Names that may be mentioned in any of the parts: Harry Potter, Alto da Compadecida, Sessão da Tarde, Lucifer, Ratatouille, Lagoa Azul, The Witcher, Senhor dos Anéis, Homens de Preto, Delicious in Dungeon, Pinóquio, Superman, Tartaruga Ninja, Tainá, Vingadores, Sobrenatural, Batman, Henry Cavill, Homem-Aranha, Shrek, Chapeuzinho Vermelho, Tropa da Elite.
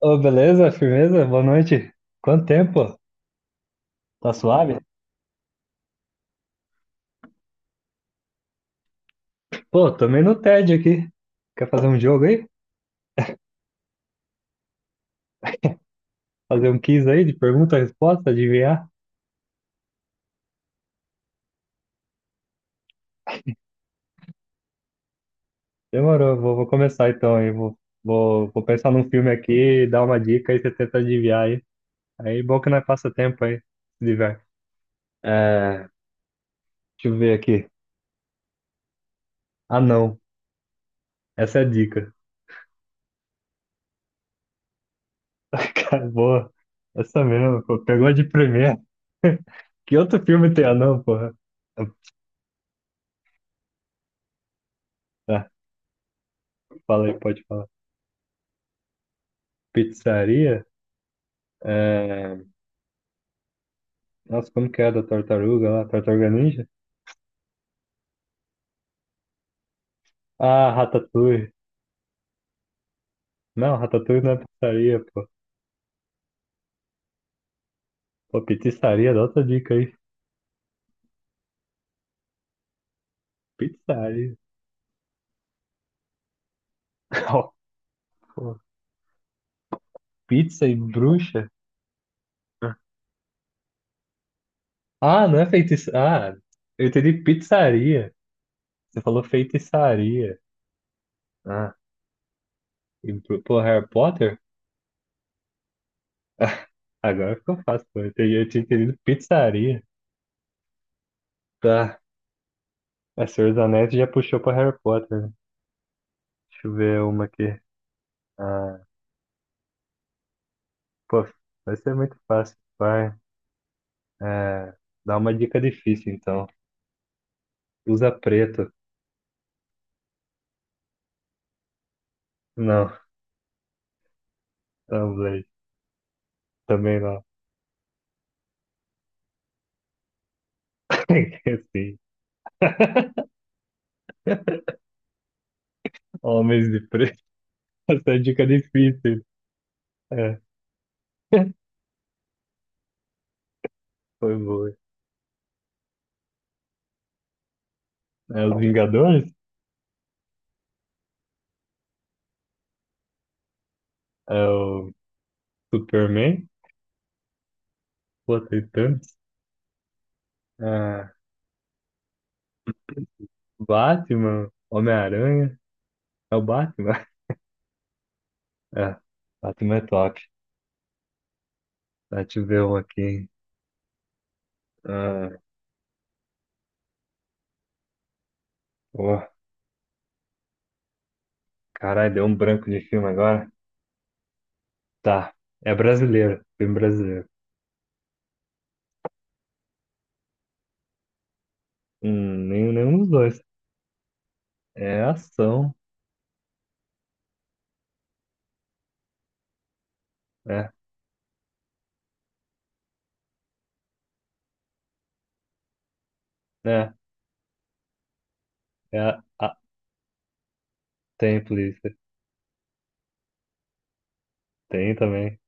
Ô, beleza? Firmeza? Boa noite. Quanto tempo? Tá suave? Pô, também no TED aqui. Quer fazer um jogo aí? Fazer um quiz aí de pergunta-resposta, adivinhar? Demorou, vou começar então aí. Vou pensar num filme aqui, dar uma dica e você tenta adivinhar aí. Aí, bom que nós passa tempo aí, se diverte. É, deixa eu ver aqui. Ah, não. Essa é a dica. Acabou. Essa mesmo, pô. Pegou de primeira. Que outro filme tem anão, porra? Tá, fala aí, pode falar. Pizzaria? É... Nossa, como que é da tartaruga lá? Tartaruga Ninja? Ah, Ratatouille. Não, Ratatouille não é pizzaria, pô. Pô, pizzaria, dá outra dica aí. Pizzaria. Ó, pô, Pizza e bruxa? Ah, não é feitiçaria. Ah, eu entendi pizzaria. Você falou feitiçaria. Ah, e, pô, Harry Potter? Agora ficou fácil, pô. Eu entendi- eu tinha entendido pizzaria. Tá. A Senhor dos Anéis já puxou pra Harry Potter, né? Deixa eu ver uma aqui. Ah, pô, vai ser muito fácil. Vai. É, dá uma dica difícil, então. Usa preto. Não, Tumblr. Também não. Sim. Homens de preto. Essa é a dica difícil. É, foi boa. É os Vingadores? É o Superman? Pô, tem tantos. É, Batman? Homem-Aranha? É o Batman? É, Batman é top. Deixa eu ver um aqui. Ah, pô, caralho, deu um branco de filme agora. Tá. É brasileiro. Filme brasileiro. Nenhum dos dois. É ação. É, é, é a, tem polícia. Tem também.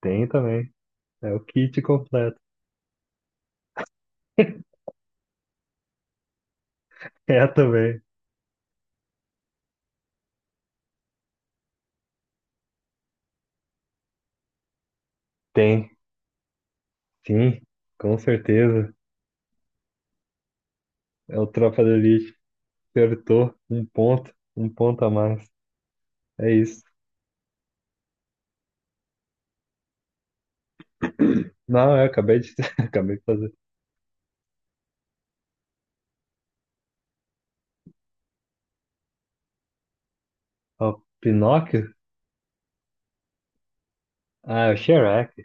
Tem também. É o kit completo. É também. Tem. Sim, com certeza. É o Tropa da Elite. Acertou. Um ponto. Um ponto a mais. É isso. Não, eu acabei de, acabei de fazer. Ó, Pinóquio? Ah, é o Shrek.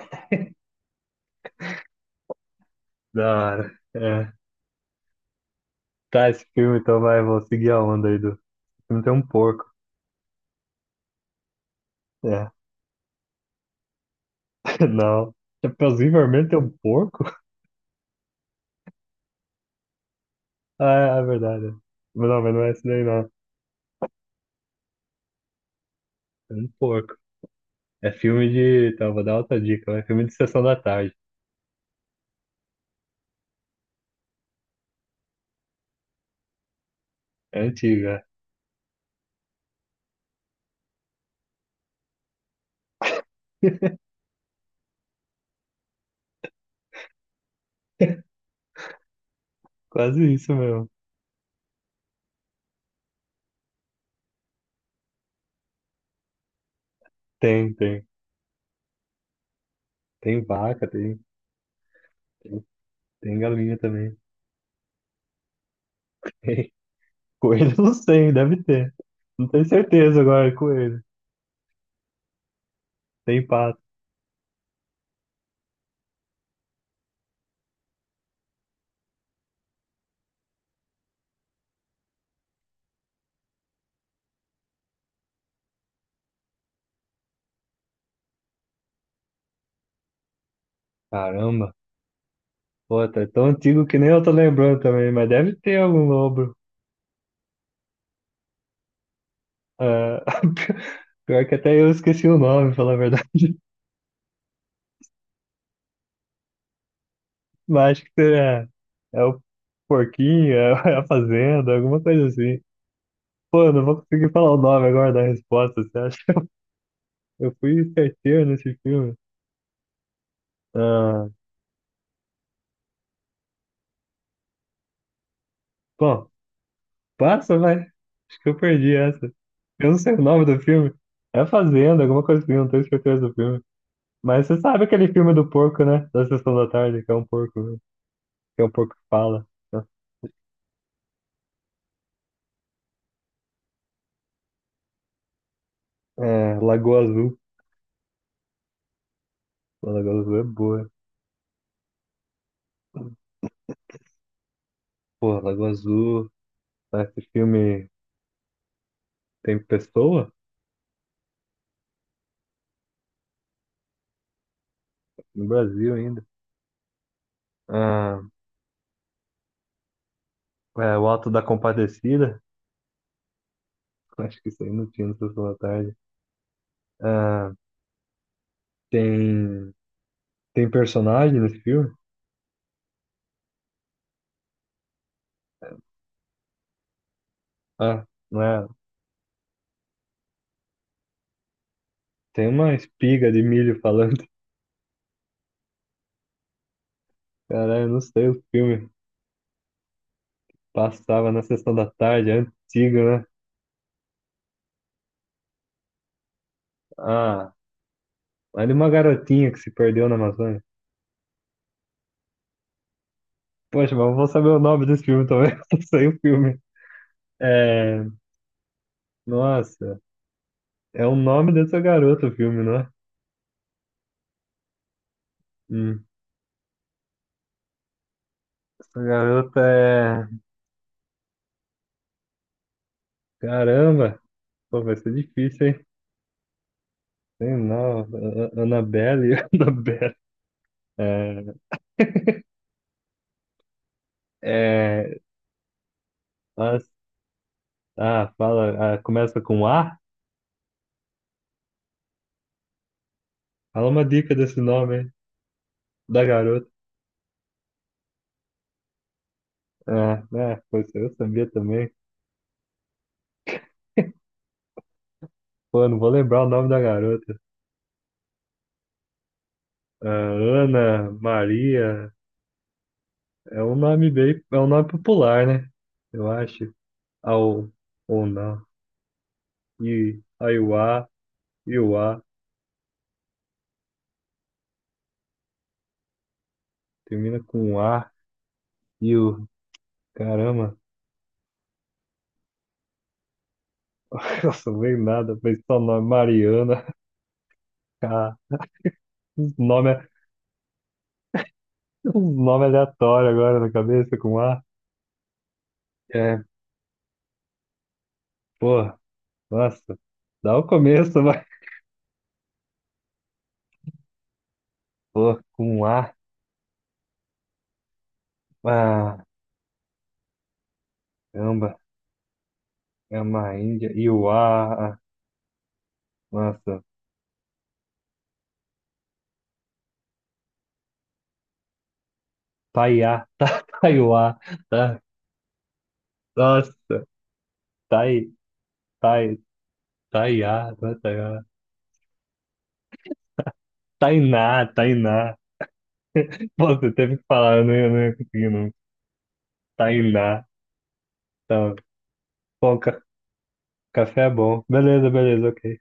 Da hora. É. Tá, esse filme então vai, vou seguir a onda aí do. O filme tem um porco. É, não. Chapeuzinho Vermelho tem um porco? Ah, é é verdade. Mas não é esse daí, não. É um porco. É filme de. Tá, vou dar outra dica. É filme de Sessão da Tarde. É antiga. Quase isso mesmo. Tem. Tem vaca, tem galinha também. Tem. Coelho, não sei, deve ter. Não tenho certeza agora, é coelho. Tem pato. Caramba. Pô, tá tão antigo que nem eu tô lembrando também, mas deve ter algum lobo. Ah, pior que até eu esqueci o nome, falar a verdade. Mas acho que é o porquinho, é é a fazenda, alguma coisa assim. Pô, eu não vou conseguir falar o nome agora da resposta, você acha? Eu fui certeiro nesse filme. Ah, bom, passa, vai. Acho que eu perdi essa. Eu não sei o nome do filme. É a Fazenda, alguma coisa assim, não tenho certeza do filme. Mas você sabe aquele filme do porco, né? Da Sessão da Tarde, que é um porco, né? Que é um porco que fala. É, Lagoa Azul. Pô, Lagoa Azul é boa. Pô, Lagoa Azul, né? Esse filme tem pessoa? No Brasil ainda. Ah, é, o Alto da Compadecida, acho que isso aí não tinha no Sessão da Tarde. Ah, tem, tem personagem nesse filme? Ah, não é? Tem uma espiga de milho falando. Caralho, eu não sei o filme. Passava na Sessão da Tarde, é antigo, né? Ah, é de uma garotinha que se perdeu na Amazônia. Poxa, mas eu vou saber o nome desse filme também. Eu não sei o filme. É. Nossa, é o nome dessa garota o filme, não é? Hum. Essa garota é. Caramba! Pô, vai ser difícil, hein? Sei não, Annabelle, Annabelle. É, é, as- ah, fala, ah, começa com A? Fala uma dica desse nome, hein? Da garota. Ah, né? Pois eu sabia também. Pô, não vou lembrar o nome da garota. Ah, Ana, Maria, é um nome é um nome popular, né? Eu acho. Ao, ou não. E, Aiuá, Iuá, termina com A, Iu, caramba. Nossa, não vem nada, mas só nome Mariana. Ah, uns nome, uns nome aleatório agora na cabeça com A. É, pô, nossa, dá o começo, vai. Pô, com A. Ah, caramba, é uma Índia. Iuá, ah, nossa, Taiá, tá, Taiuá, tá, nossa, Tai, Tai, Taiá, não é Taiá. Tainá, Tainá. Pô, você teve que falar, eu não ia conseguir, não. Tainá, tá, pô, Café é bom. Beleza, beleza, ok.